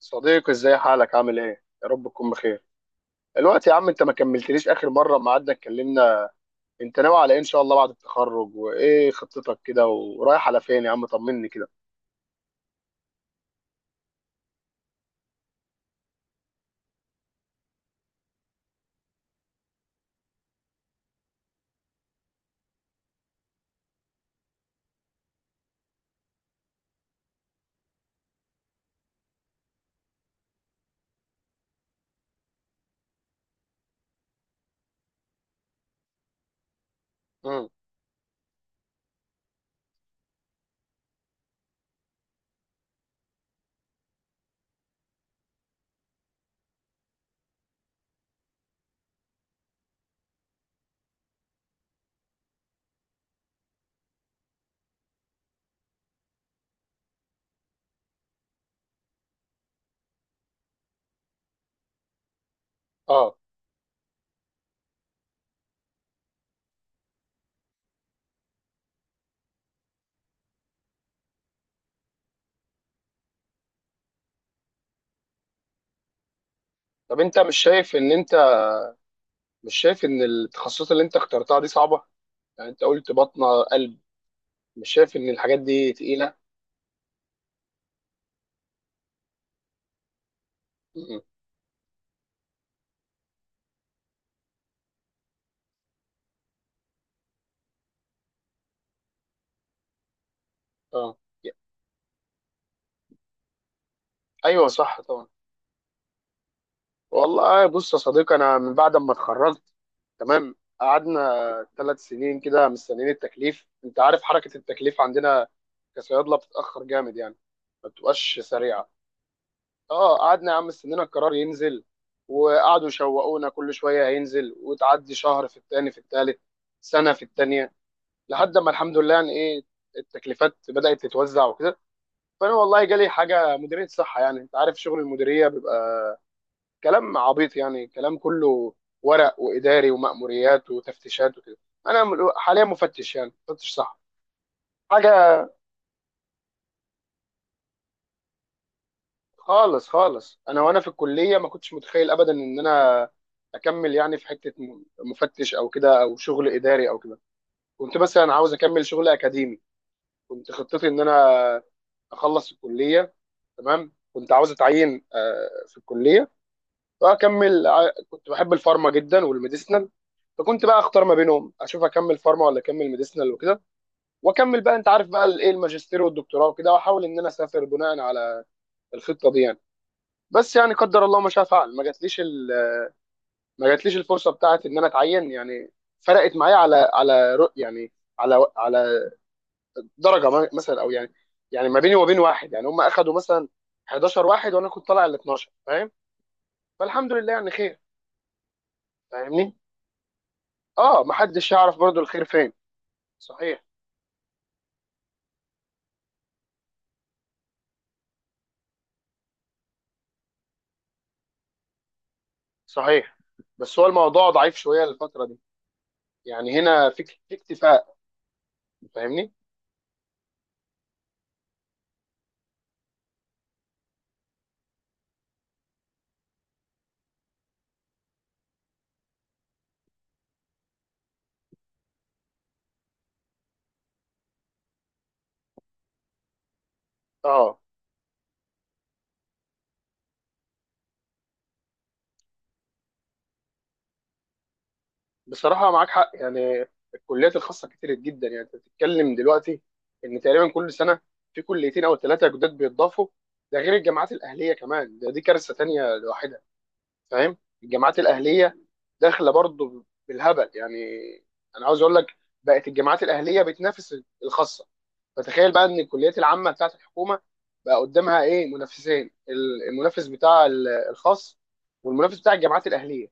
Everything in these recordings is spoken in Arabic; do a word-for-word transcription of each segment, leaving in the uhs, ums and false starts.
صديقي، ازاي حالك؟ عامل ايه؟ يا رب تكون بخير. الوقت يا عم، انت ما كملتليش اخر مره ما قعدنا اتكلمنا. انت ناوي على ايه ان شاء الله بعد التخرج؟ وايه خطتك كده؟ ورايح على فين يا عم؟ طمني كده. امم اه. طب انت مش شايف ان انت مش شايف ان التخصصات اللي انت اخترتها دي صعبه؟ يعني انت قلت بطنه، قلب. مش شايف ان الحاجات دي تقيله؟ امم اه. ايوه، صح طبعا. والله بص يا صديقي، انا من بعد ما اتخرجت، تمام، قعدنا ثلاث سنين كده مستنيين التكليف. انت عارف حركه التكليف عندنا كصيادله بتتاخر جامد يعني، ما بتبقاش سريعه. اه، قعدنا يا عم مستنينا القرار ينزل، وقعدوا يشوقونا كل شويه هينزل، وتعدي شهر، في التاني، في التالت، سنه في التانيه. لحد ما الحمد لله يعني ايه، التكليفات بدات تتوزع وكده. فانا والله جالي حاجه مديريه صحه، يعني انت عارف شغل المديريه بيبقى كلام عبيط، يعني كلام كله ورق واداري ومأموريات وتفتيشات وكده. انا م- حاليا مفتش، يعني مفتش صح حاجه. خالص خالص، انا وانا في الكليه ما كنتش متخيل ابدا ان انا اكمل يعني في حته م- مفتش او كده، او شغل اداري او كده. كنت مثلا عاوز اكمل شغل اكاديمي. كنت خطتي ان انا اخلص الكليه، تمام، كنت عاوز اتعين آه، في الكليه، واكمل ع- كنت بحب الفارما جدا والميديسنال. فكنت بقى اختار ما بينهم، اشوف اكمل فارما ولا اكمل ميديسنال وكده، واكمل بقى انت عارف بقى الايه، الماجستير والدكتوراه وكده، واحاول ان انا اسافر بناء على الخطه دي يعني. بس يعني قدر الله ما شاء فعل، ما جاتليش ال- ما جاتليش الفرصه بتاعت ان انا اتعين يعني. فرقت معايا على على رؤ- يعني على على درجه ما- مثلا، او يعني، يعني ما بيني وبين واحد يعني، هم اخدوا مثلا حداشر واحد، وانا كنت طالع ال الاثنا عشر. فاهم؟ فالحمد لله يعني خير. فاهمني؟ اه، محدش يعرف برضو الخير فين. صحيح، صحيح. بس هو الموضوع ضعيف شويه الفتره دي. يعني هنا في في اكتفاء. فاهمني؟ اه، بصراحه معاك حق يعني. الكليات الخاصه كتير جدا. يعني انت بتتكلم دلوقتي ان تقريبا كل سنه في كليتين او ثلاثه جداد بيتضافوا. ده غير الجامعات الاهليه كمان، ده دي كارثه تانيه لوحدها. فاهم؟ الجامعات الاهليه داخله برضو بالهبل يعني. انا عاوز اقول لك، بقت الجامعات الاهليه بتنافس الخاصه. فتخيل بقى ان الكليات العامه بتاعت الحكومه بقى قدامها ايه منافسين؟ المنافس بتاع ال- الخاص، والمنافس بتاع الجامعات الاهليه.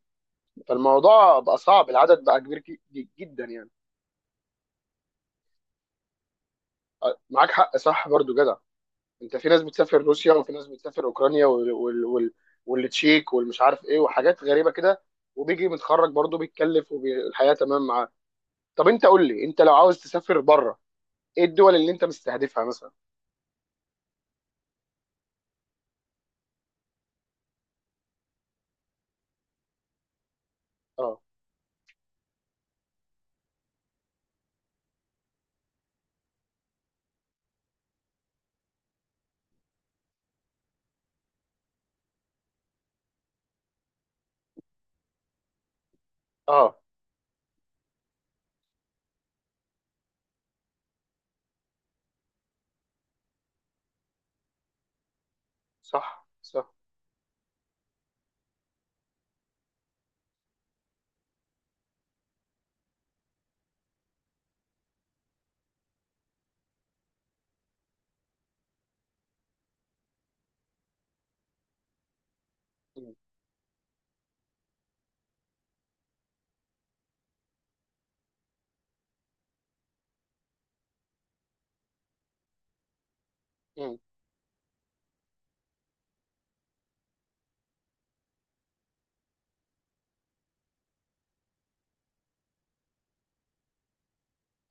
فالموضوع بقى صعب، العدد بقى كبير جي- جدا يعني. معاك حق، صح، برضو جدع. انت في ناس بتسافر روسيا، وفي ناس بتسافر اوكرانيا، وال... وال... وال... والتشيك والمش عارف ايه، وحاجات غريبه كده. وبيجي متخرج برضه بيتكلف، والحياه تمام معاه. طب انت قول لي، انت لو عاوز تسافر بره، ايه الدول اللي انت مستهدفها مثلا؟ اه، اه. صح، صح. مم. مم.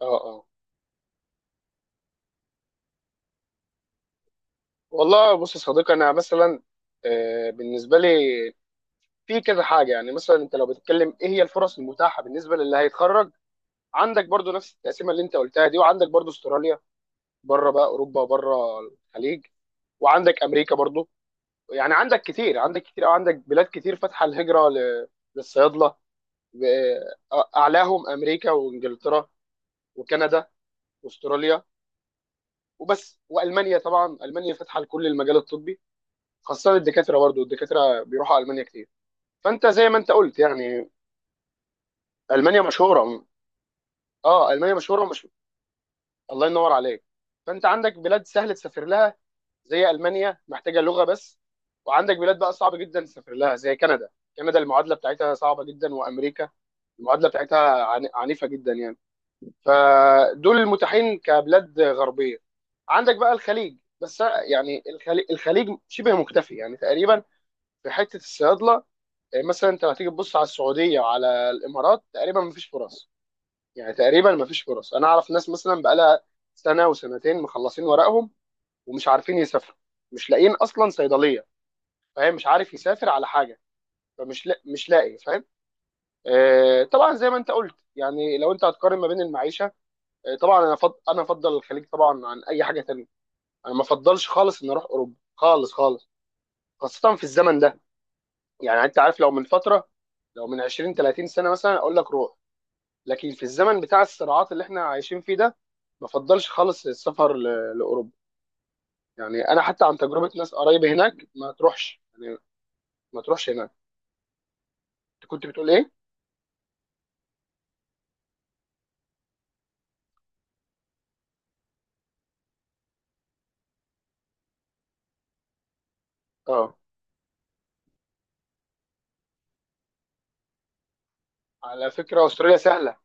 اه، اه. والله بص يا صديقي، انا مثلا، آه، بالنسبه لي في كذا حاجه، يعني مثلا انت لو بتتكلم ايه هي الفرص المتاحه بالنسبه للي هيتخرج، عندك برضو نفس التقسيمه اللي انت قلتها دي، وعندك برضو استراليا، بره بقى اوروبا وبره الخليج، وعندك امريكا برضو. يعني عندك كتير، عندك كتير، او عندك بلاد كتير فاتحه الهجره ل- للصيادله. و- اعلاهم امريكا وانجلترا، وكندا، واستراليا، وبس، والمانيا. طبعا المانيا فاتحه لكل المجال الطبي، خاصه الدكاتره، برضو الدكاتره بيروحوا المانيا كتير. فانت زي ما انت قلت يعني، المانيا مشهوره. اه، المانيا مشهوره. الله ينور عليك. فانت عندك بلاد سهل تسافر لها زي المانيا، محتاجه لغه بس. وعندك بلاد بقى صعب جدا تسافر لها زي كندا. كندا المعادله بتاعتها صعبه جدا، وامريكا المعادله بتاعتها عن- عنيفه جدا يعني. فدول المتاحين كبلاد غربيه. عندك بقى الخليج، بس يعني الخليج، الخليج شبه مكتفي يعني تقريبا. في حته الصيادله، مثلا انت لو هتيجي تبص على السعوديه وعلى الامارات، تقريبا مفيش فرص. يعني تقريبا ما فيش فرص. انا اعرف ناس مثلا بقالها سنه وسنتين مخلصين ورقهم، ومش عارفين يسافروا، مش لاقيين اصلا صيدليه، فاهم؟ مش عارف يسافر على حاجه، فمش لا مش لاقي، فاهم؟ آه طبعا زي ما انت قلت يعني، لو انت هتقارن ما بين المعيشه، آه طبعا، انا فض... انا افضل الخليج طبعا عن اي حاجه تانية. انا ما افضلش خالص ان اروح اوروبا، خالص خالص، خاصه في الزمن ده. يعني انت عارف، لو من فتره، لو من عشرين تلاتين سنه مثلا اقول لك روح، لكن في الزمن بتاع الصراعات اللي احنا عايشين فيه ده، ما بفضلش خالص السفر ل- لاوروبا. يعني انا حتى عن تجربه ناس قرايب هناك، ما تروحش يعني، ما تروحش هناك. انت كنت بتقول ايه؟ اه، على فكره استراليا سهله،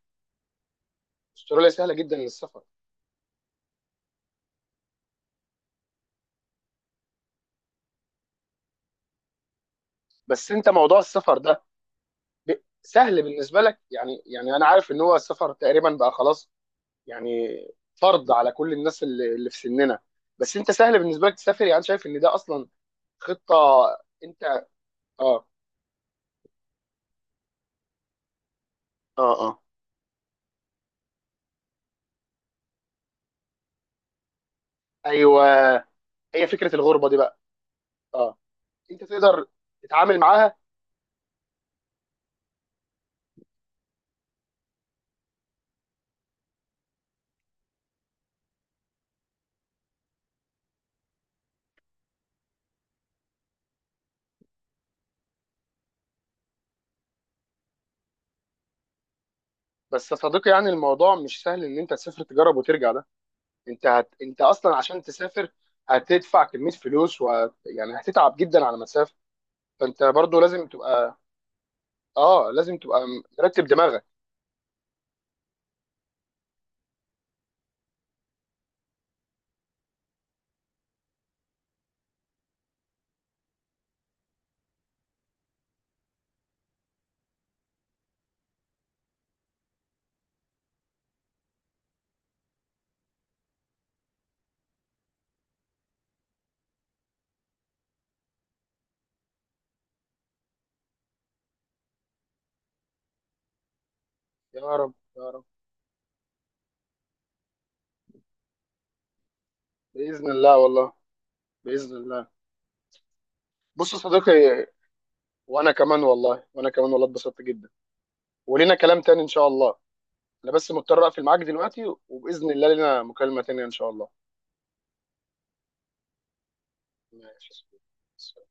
استراليا سهله جدا للسفر. بس انت موضوع السفر ده ب... سهل بالنسبه لك يعني يعني انا عارف ان هو السفر تقريبا بقى خلاص يعني، فرض على كل الناس اللي, اللي في سننا. بس انت سهل بالنسبه لك تسافر يعني، شايف ان ده اصلا خطه؟ انت. اه، اه، اه. ايوه، هي فكره الغربه دي بقى، اه، انت تقدر تتعامل معاها؟ بس يا صديقي يعني، الموضوع مش سهل ان انت تسافر تجرب وترجع ده، انت هت... انت اصلا عشان تسافر هتدفع كميه فلوس، و... يعني هتتعب جدا على مسافه، فانت برضو لازم تبقى اه لازم تبقى مرتب دماغك. يا رب، يا رب. باذن الله والله، باذن الله. بص يا صديقي، وانا كمان والله، وانا كمان والله اتبسطت جدا. ولينا كلام تاني ان شاء الله. انا بس مضطر اقفل معاك دلوقتي، وباذن الله لنا مكالمه تانيه ان شاء الله. ماشي يا صديقي.